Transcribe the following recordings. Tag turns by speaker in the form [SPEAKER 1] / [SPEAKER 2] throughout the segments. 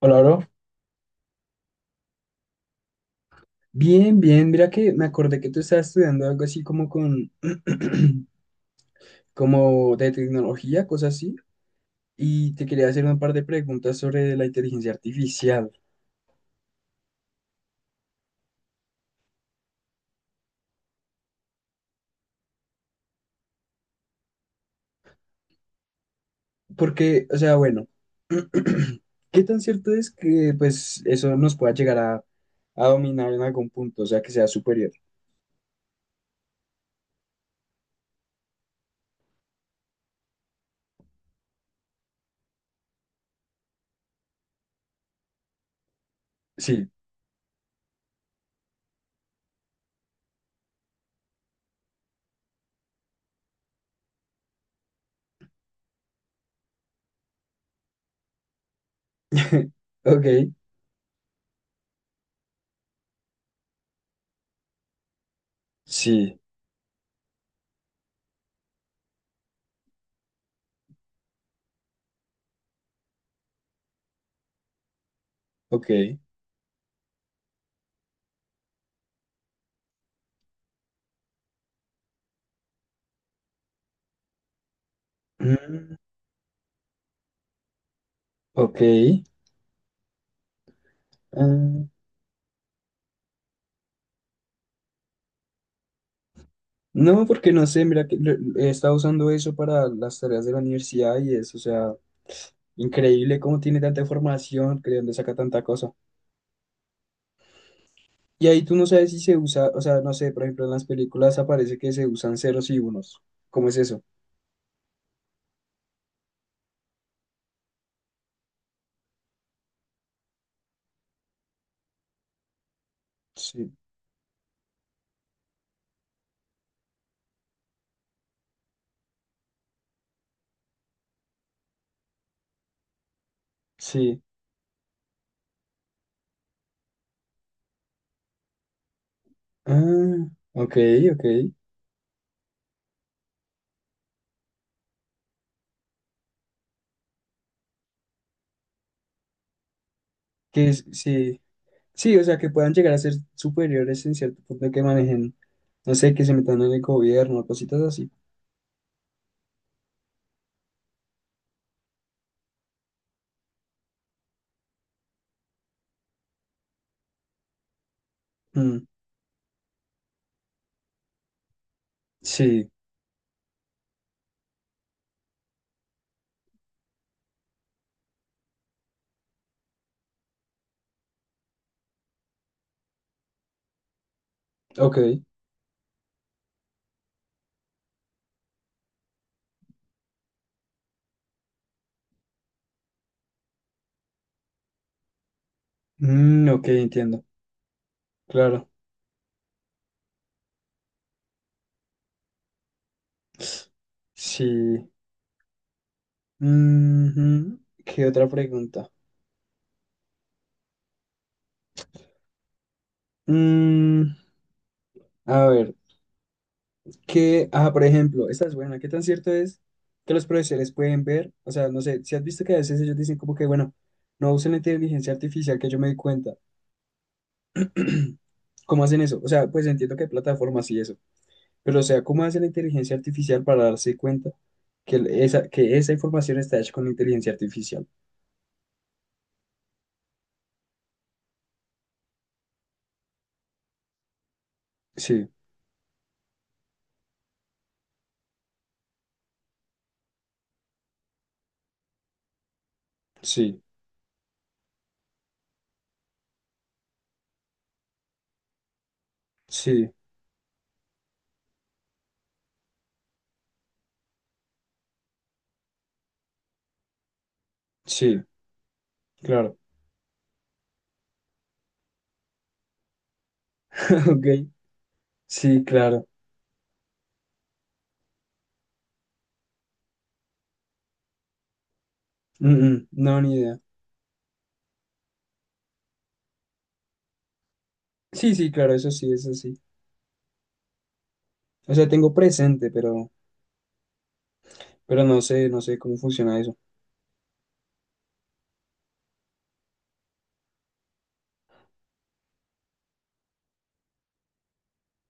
[SPEAKER 1] Hola, bro. Bien, bien. Mira que me acordé que tú estabas estudiando algo así como con, como de tecnología, cosas así. Y te quería hacer un par de preguntas sobre la inteligencia artificial. Porque, ¿qué tan cierto es que, pues, eso nos pueda llegar a dominar en algún punto? O sea, que sea superior. Sí. Ok. Sí. Ok. Mm, ok. Ah. No, porque no sé, mira que he estado usando eso para las tareas de la universidad y es, o sea, increíble cómo tiene tanta información, que de dónde saca tanta cosa. Y ahí tú no sabes si se usa, o sea, no sé, por ejemplo, en las películas aparece que se usan ceros y unos. ¿Cómo es eso? Sí, sí. Ah, ok, ok. Sí, sí, o sea, que puedan llegar a ser superiores en cierto punto que manejen, no sé, que se metan en el gobierno, cositas así. Mm, sí, ok. Mm, ok, entiendo, claro. Sí. Ujú. ¿Qué otra pregunta? Mm, a ver, ¿qué? Ah, por ejemplo, esta es buena. ¿Qué tan cierto es que los profesores pueden ver? O sea, no sé, si has visto que a veces ellos dicen como que, bueno, no usen la inteligencia artificial, que yo me di cuenta. ¿Cómo hacen eso? O sea, pues entiendo que hay plataformas y eso, pero o sea, ¿cómo hace la inteligencia artificial para darse cuenta que que esa información está hecha con inteligencia artificial? Sí, sí, sí, sí, claro. Ok, sí, claro. Mm, mm, no, ni idea. Sí, sí, claro, eso sí, eso sí. O sea, tengo presente, pero no sé, no sé cómo funciona eso.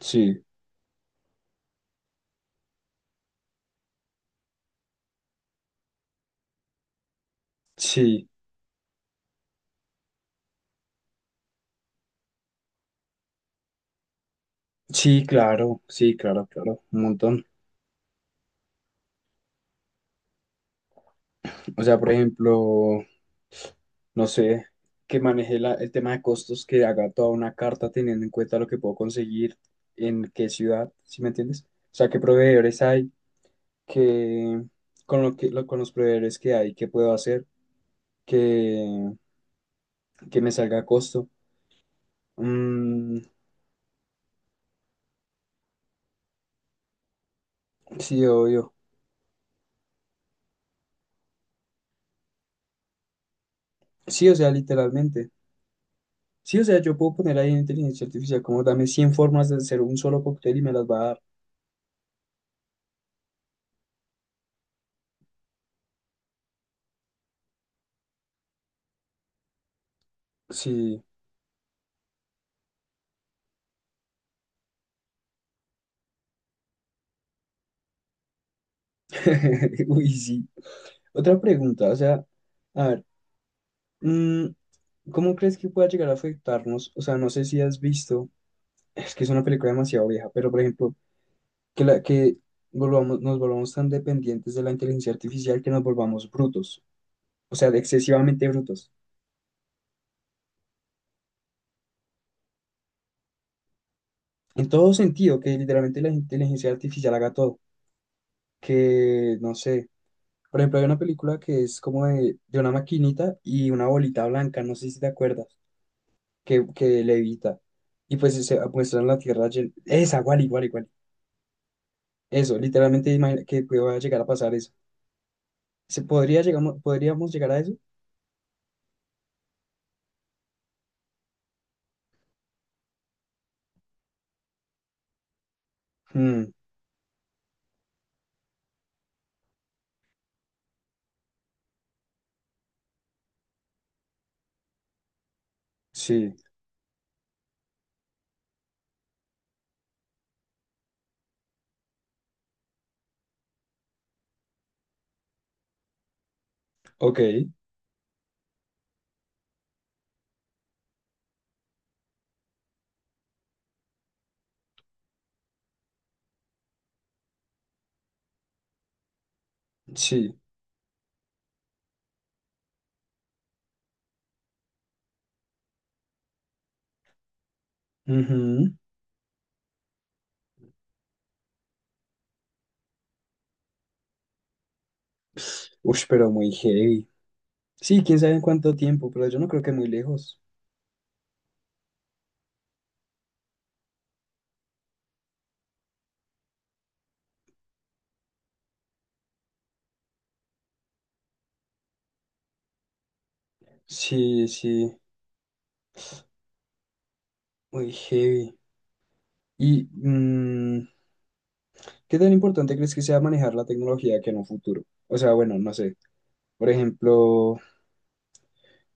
[SPEAKER 1] Sí, sí, sí, claro, sí, claro, claro, un montón. O sea, por ejemplo, no sé, que maneje el tema de costos, que haga toda una carta teniendo en cuenta lo que puedo conseguir en qué ciudad, ¿sí me entiendes? O sea, qué proveedores hay, que con los proveedores que hay, qué puedo hacer, que, que me salga a costo. Mm, sí, obvio. Sí, o sea, literalmente. Sí, o sea, yo puedo poner ahí en inteligencia artificial como dame 100 formas de hacer un solo cóctel y me las va a dar. Sí. Uy, sí. Otra pregunta, o sea, a ver, mm, ¿cómo crees que pueda llegar a afectarnos? O sea, no sé si has visto, es que es una película demasiado vieja, pero por ejemplo, que, la, que volvamos, nos volvamos tan dependientes de la inteligencia artificial que nos volvamos brutos, o sea, de excesivamente brutos. En todo sentido, que literalmente la inteligencia artificial haga todo. Que, no sé, por ejemplo, hay una película que es como de una maquinita y una bolita blanca, no sé si te acuerdas, que levita. Y pues se muestra en la Tierra esa, igual, igual, igual. Eso, literalmente imagina que pueda llegar a pasar eso. ¿Se podría podríamos llegar a eso? Mm, sí, ok, sí. Ujú. Uy, pero muy heavy. Sí, quién sabe en cuánto tiempo, pero yo no creo que muy lejos. Sí, sí, muy heavy. Y, mm, ¿Qué tan importante crees que sea manejar la tecnología que en un futuro? O sea, bueno, no sé. Por ejemplo,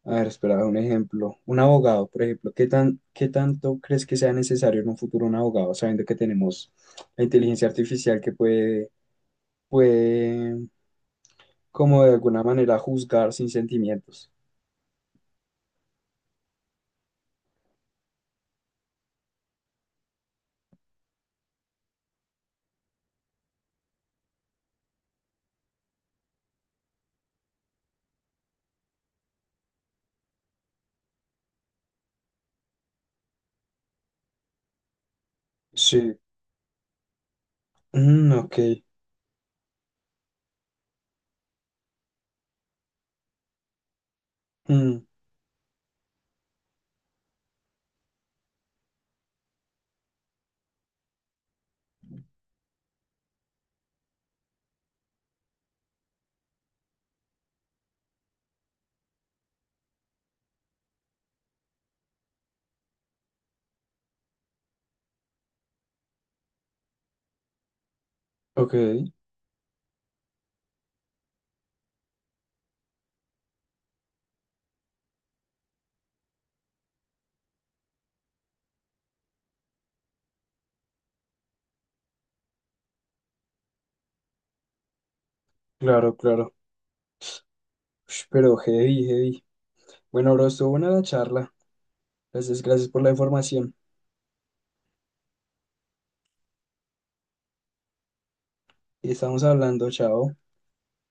[SPEAKER 1] a ver, espera, un ejemplo. Un abogado, por ejemplo. ¿Qué tan, qué tanto crees que sea necesario en un futuro un abogado, sabiendo que tenemos la inteligencia artificial que puede, puede, como de alguna manera, juzgar sin sentimientos? Sí. Mm, ok. Mm, ok. Claro, claro. Ush, pero heavy, heavy. Bueno, bro, estuvo buena la charla. Gracias, gracias por la información. Estamos hablando, chao.